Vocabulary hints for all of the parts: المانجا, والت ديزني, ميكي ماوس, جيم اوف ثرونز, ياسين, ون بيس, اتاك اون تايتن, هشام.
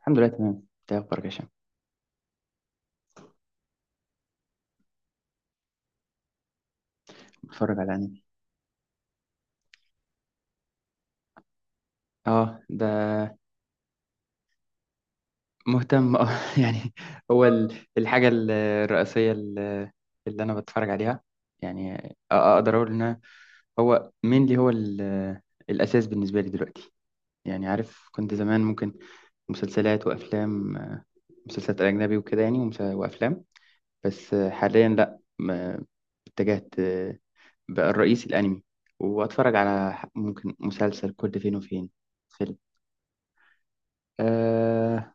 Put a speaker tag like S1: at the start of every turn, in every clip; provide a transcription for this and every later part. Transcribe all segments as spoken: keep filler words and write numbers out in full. S1: الحمد لله تمام. انت إيه اخبارك يا هشام؟ بتفرج على انمي. اه ده مهتم اه يعني هو ال- الحاجه ال- الرئيسيه ال- اللي انا بتفرج عليها. يعني أ- اقدر اقول ان أنا- هو مين اللي هو ال- الاساس بالنسبه لي دلوقتي. يعني عارف، كنت زمان ممكن مسلسلات وافلام، مسلسلات اجنبي وكده يعني ومس- وافلام. بس حاليا لا ما- اتجهت، بقى الرئيس الانمي، واتفرج على ممكن مسلسل كل فين وفين فيلم. آه،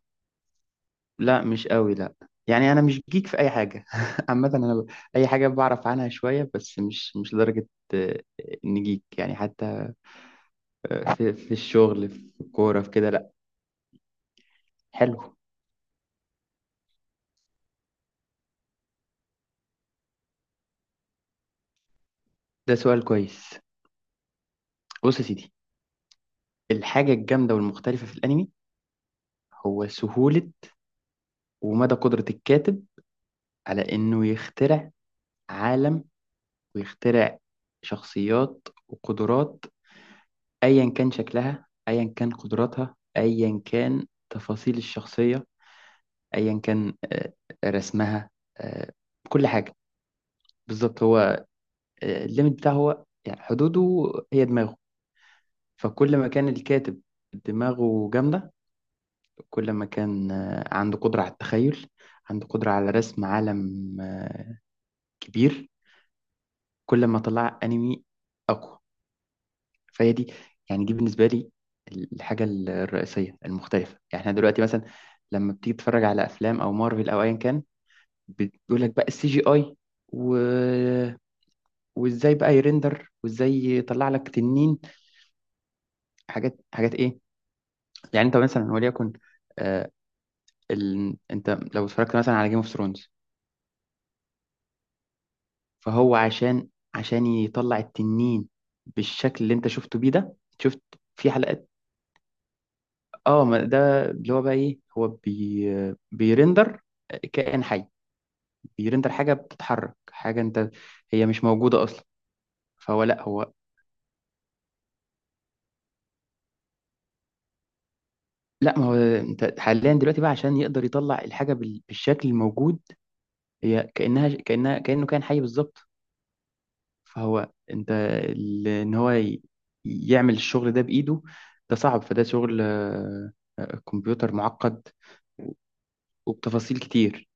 S1: لا مش قوي، لا. يعني انا مش جيك في اي حاجه. عامه انا ب- اي حاجه بعرف عنها شويه بس مش مش لدرجه آه، ان جيك يعني. حتى آه، في في الشغل، في الكوره، في كده لا. حلو. ده سؤال كويس. بص يا سيدي، الحاجه الجامده والمختلفه في الانمي هو سهوله ومدى قدره الكاتب على انه يخترع عالم، ويخترع شخصيات وقدرات، ايا كان شكلها، ايا كان قدراتها، ايا كان تفاصيل الشخصيه، ايا كان آه، رسمها، آه، كل حاجه. بالظبط، هو آه، الليميت بتاعه هو يعني حدوده هي دماغه. فكل ما كان الكاتب دماغه جامده، كل ما كان آه، عنده قدره على التخيل، عنده قدره على رسم عالم آه، كبير، كل ما طلع انمي اقوى. فهي دي يعني دي بالنسبه لي الحاجه الرئيسيه المختلفه. يعني احنا دلوقتي مثلا لما بتيجي تتفرج على افلام او مارفل او ايا كان، بتقول لك بقى السي جي اي، وازاي بقى يرندر وازاي يطلع لك تنين. حاجات حاجات ايه؟ يعني انت مثلا وليكن آه، ال... انت لو اتفرجت مثلا على جيم اوف ثرونز، فهو عشان عشان يطلع التنين بالشكل اللي انت شفته بيه ده، شفت في حلقات؟ اه ما ده اللي هو بقى ايه، هو بي... بيرندر كائن حي، بيرندر حاجة بتتحرك، حاجة انت هي مش موجودة اصلا. فهو لا هو لا. ما هو انت حاليا دلوقتي بقى عشان يقدر يطلع الحاجة بال- بالشكل الموجود هي كأنها كأنها كأنه كان حي بالظبط. فهو انت ال- ان هو ي- يعمل الشغل ده بإيده، ده صعب، فده شغل آه، آه، كمبيوتر معقد وبتفاصيل كتير.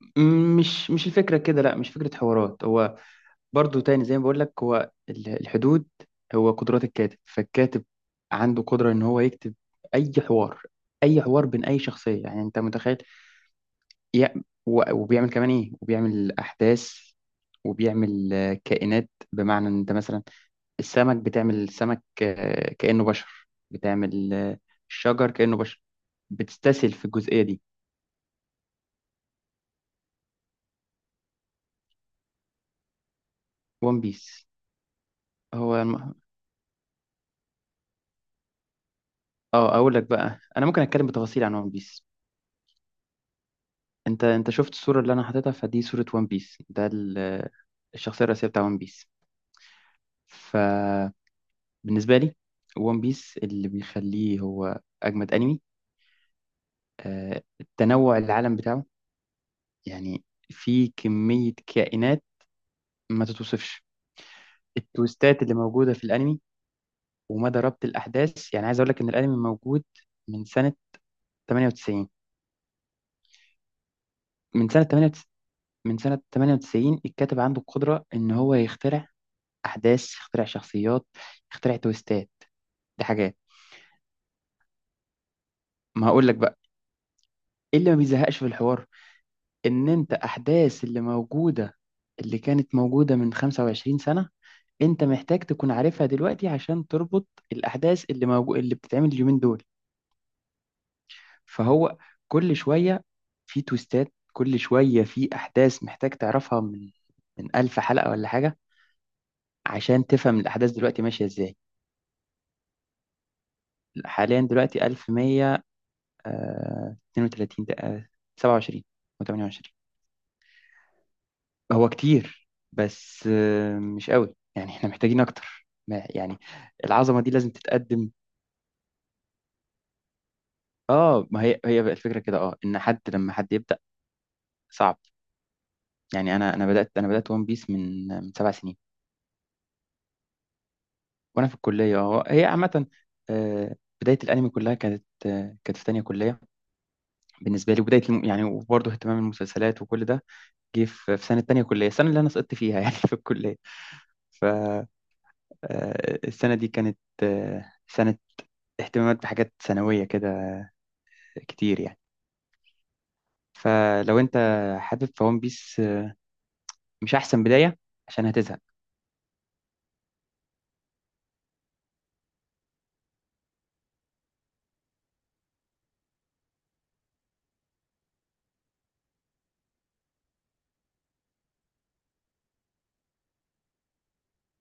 S1: م- مش مش الفكرة كده، لا مش فكرة حوارات. هو برضو تاني زي ما بقول لك هو ال- الحدود، هو قدرات الكاتب. فالكاتب عنده قدرة ان هو يكتب اي حوار، اي حوار بين اي شخصية. يعني انت متخيل يا و- وبيعمل كمان ايه، وبيعمل احداث، وبيعمل آه، كائنات. بمعنى ان انت مثلا السمك بتعمل سمك آه، كأنه بشر، بتعمل آه، الشجر كأنه بشر، بتستسهل في الجزئية دي. ون بيس، هو الم- اه اقول لك بقى، انا ممكن اتكلم بتفاصيل عن ون بيس. انت انت شفت الصورة اللي انا حاططها، فدي صورة ون بيس. ده ال- الشخصية الرئيسية بتاع ون بيس. فبالنسبة لي، ون بيس اللي بيخليه هو اجمد انمي آه، التنوع، العالم بتاعه يعني، في كمية كائنات ما تتوصفش، التويستات اللي موجودة في الأنمي، ومدى ربط الأحداث. يعني عايز أقول لك إن الأنمي موجود من سنة ثمانية وتسعين. من سنة تمانية وتسعين من سنة تمانية وتسعين الكاتب عنده القدرة إن هو يخترع أحداث، يخترع شخصيات، يخترع تويستات. دي حاجات ما هقول لك بقى، إيه اللي ما بيزهقش في الحوار؟ إن أنت أحداث اللي موجودة اللي كانت موجودة من خمسة وعشرين سنة، انت محتاج تكون عارفها دلوقتي عشان تربط الاحداث اللي موجو... اللي بتتعمل اليومين دول. فهو كل شويه في تويستات، كل شويه في احداث محتاج تعرفها من من ألف حلقه ولا حاجه عشان تفهم الاحداث دلوقتي ماشيه ازاي. حاليا دلوقتي ألف ومية واتنين وتلاتين دقيقة- سبعة وعشرين وتمانية وعشرين. هو كتير بس آه، مش قوي، يعني احنا محتاجين اكتر ما- يعني العظمه دي لازم تتقدم. اه ما هي هي بقى الفكره كده، اه ان حد لما حد صعب. يعني انا انا بدات انا بدات ون بيس من من سبع سنين وانا في الكليه اهو. هي عامه آه، بدايه الانمي كلها كانت آه، كانت في تانية كليه بالنسبه لي، وبدايه الم- يعني وبرضه اهتمام المسلسلات وكل ده جه في في سنه تانية كليه، السنه اللي انا سقطت فيها يعني في الكليه. فالسنه دي كانت آه، سنه اهتمامات بحاجات ثانويه كده كتير يعني. فلو انت حابب فون بيس آه، مش احسن بدايه، عشان هتزهق.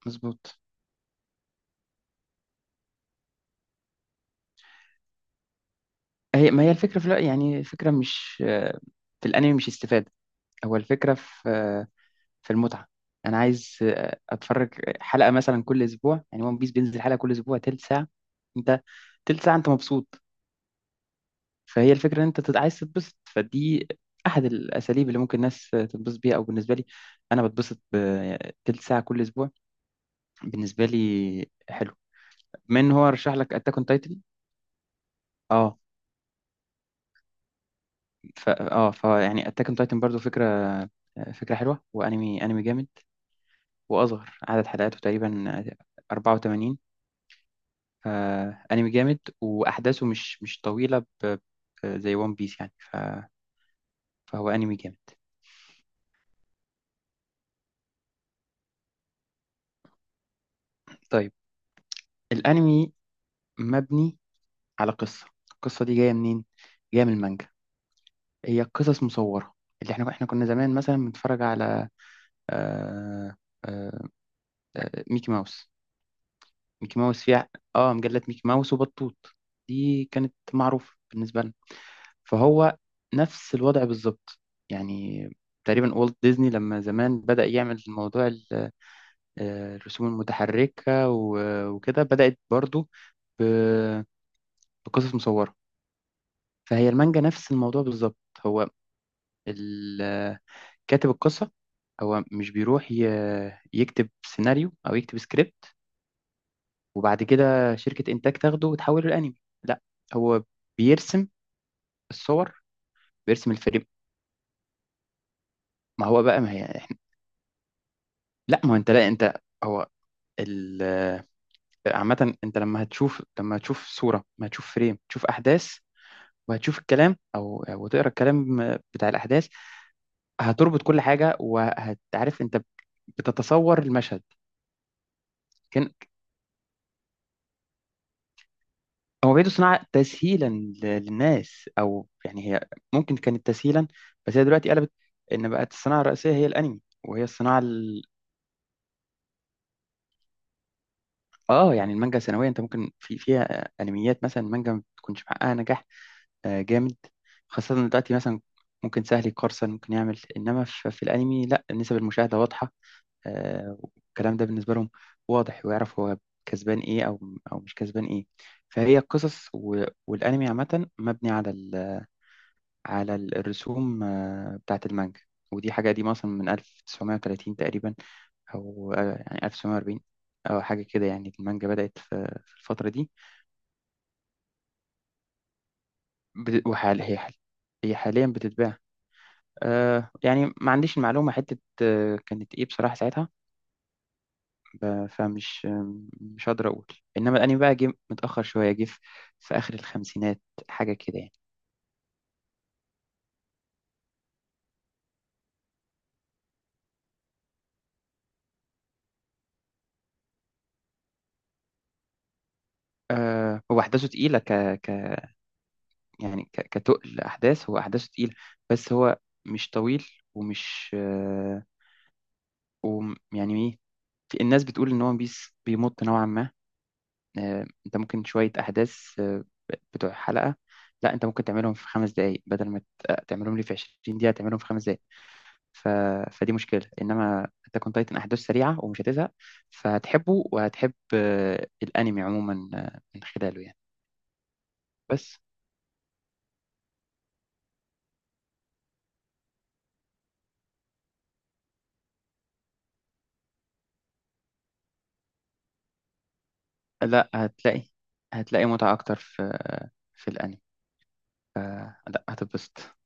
S1: مظبوط. هي ما هي الفكرة في، لا يعني الفكرة مش آه، في الأنمي مش استفادة، هو الفكرة في آه، في المتعة. أنا عايز آه، أتفرج حلقة مثلا كل أسبوع. يعني ون بيس بينزل حلقة كل أسبوع تلت ساعة، أنت تلت ساعة أنت مبسوط. فهي الفكرة إن أنت تت- عايز تتبسط، فدي أحد الأساليب اللي ممكن الناس تتبسط بيها، أو بالنسبة لي أنا بتبسط بتلت ساعة كل أسبوع، بالنسبة لي حلو. من هو رشح لك أتاك أون تايتن؟ ف اه فيعني اتاك اون تايتن برضو فكره آه، فكره حلوه، وانمي انمي جامد. واصغر عدد حلقاته تقريبا أربع وثمانين. فانمي جامد، واحداثه مش مش طويله ب... ب- زي ون بيس يعني ف... فهو انمي جامد. طيب، الانمي مبني على قصه، القصه دي جايه منين؟ جايه من المانجا، هي قصص مصوره. اللي احنا احنا كنا زمان مثلا بنتفرج على آه... آه... آه، ميكي ماوس. ميكي ماوس فيها اه، مجلات ميكي ماوس وبطوط. دي كانت معروفة بالنسبة لنا. فهو نفس الوضع بالظبط يعني. تقريبا والت ديزني لما زمان بدأ يعمل موضوع ال- آه، الرسوم المتحركة و- وكده، بدأت برضو ب- بقصص مصورة. فهي المانجا نفس الموضوع بالظبط. هو ال- آه، كاتب القصة هو مش بيروح ي- يكتب سيناريو أو يكتب سكريبت، وبعد كده شركة إنتاج تاخده وتحوله لأنمي، لا. هو بيرسم الصور، بيرسم الفريم. ما هو بقى ما هي احنا، لا ما هو انت، لا انت هو ال عامة انت لما هتشوف، لما هتشوف صورة، ما هتشوف فريم، تشوف أحداث، وهتشوف الكلام أو وتقرا الكلام بتاع الأحداث، هتربط كل حاجة وهتعرف انت بتتصور المشهد. هو بيدو صناعة تسهيلا ل- للناس، أو يعني هي ممكن كانت تسهيلا، بس هي دلوقتي قلبت، إن بقت الصناعة الرئيسية هي الأنمي، وهي الصناعة ال... آه يعني المانجا سنويا أنت ممكن في فيها أنميات. مثلا المانجا ما بتكونش محققة نجاح آه، جامد، خاصة إن دلوقتي مثلا ممكن سهل يقرصن ممكن يعمل. إنما في, في الأنمي لا، نسب المشاهدة واضحة آه، والكلام ده بالنسبة لهم واضح، ويعرف هو كسبان إيه أو أو مش كسبان إيه. فهي القصص و... والأنمي عامة مبني على على ال- الرسوم آه، بتاعة المانجا. ودي حاجة قديمة أصلا من ألف وتسعمائة وثلاثين تقريبا، أو آه، يعني ألف وتسعمية واربعين أو حاجة كده يعني. المانجا بدأت في في الفترة دي بت- وحال هي حال، هي حاليا بتتباع آه، يعني ما عنديش المعلومة حتة آه، كانت إيه بصراحة ساعتها. ب- فمش آه، مش هقدر أقول. إنما الأنمي بقى جه متأخر شوية، جه في في آخر الخمسينات حاجة كده يعني. آه، هو أحداثه تقيلة ك ك يعني ك- كتقل احداث، هو احداثه تقيله. بس هو مش طويل ومش آه، وم- يعني ايه، في- الناس بتقول ان هو ون بيس بيمط نوعا ما. آه، انت ممكن شويه احداث آه، ب- بتوع حلقه، لا انت ممكن تعملهم في خمس دقائق، بدل ما ت- آه، تعملهم لي في عشرين دقيقه، تعملهم في خمس دقائق. ف... فدي مشكله. انما اتاك اون تايتن احداث سريعه ومش هتزهق، فهتحبه وهتحب آه، الانمي عموما آه، من خلاله يعني. بس لا هتلاقي، هتلاقي متعه اكتر في آه، في الانمي. آه، لا هتتبسط.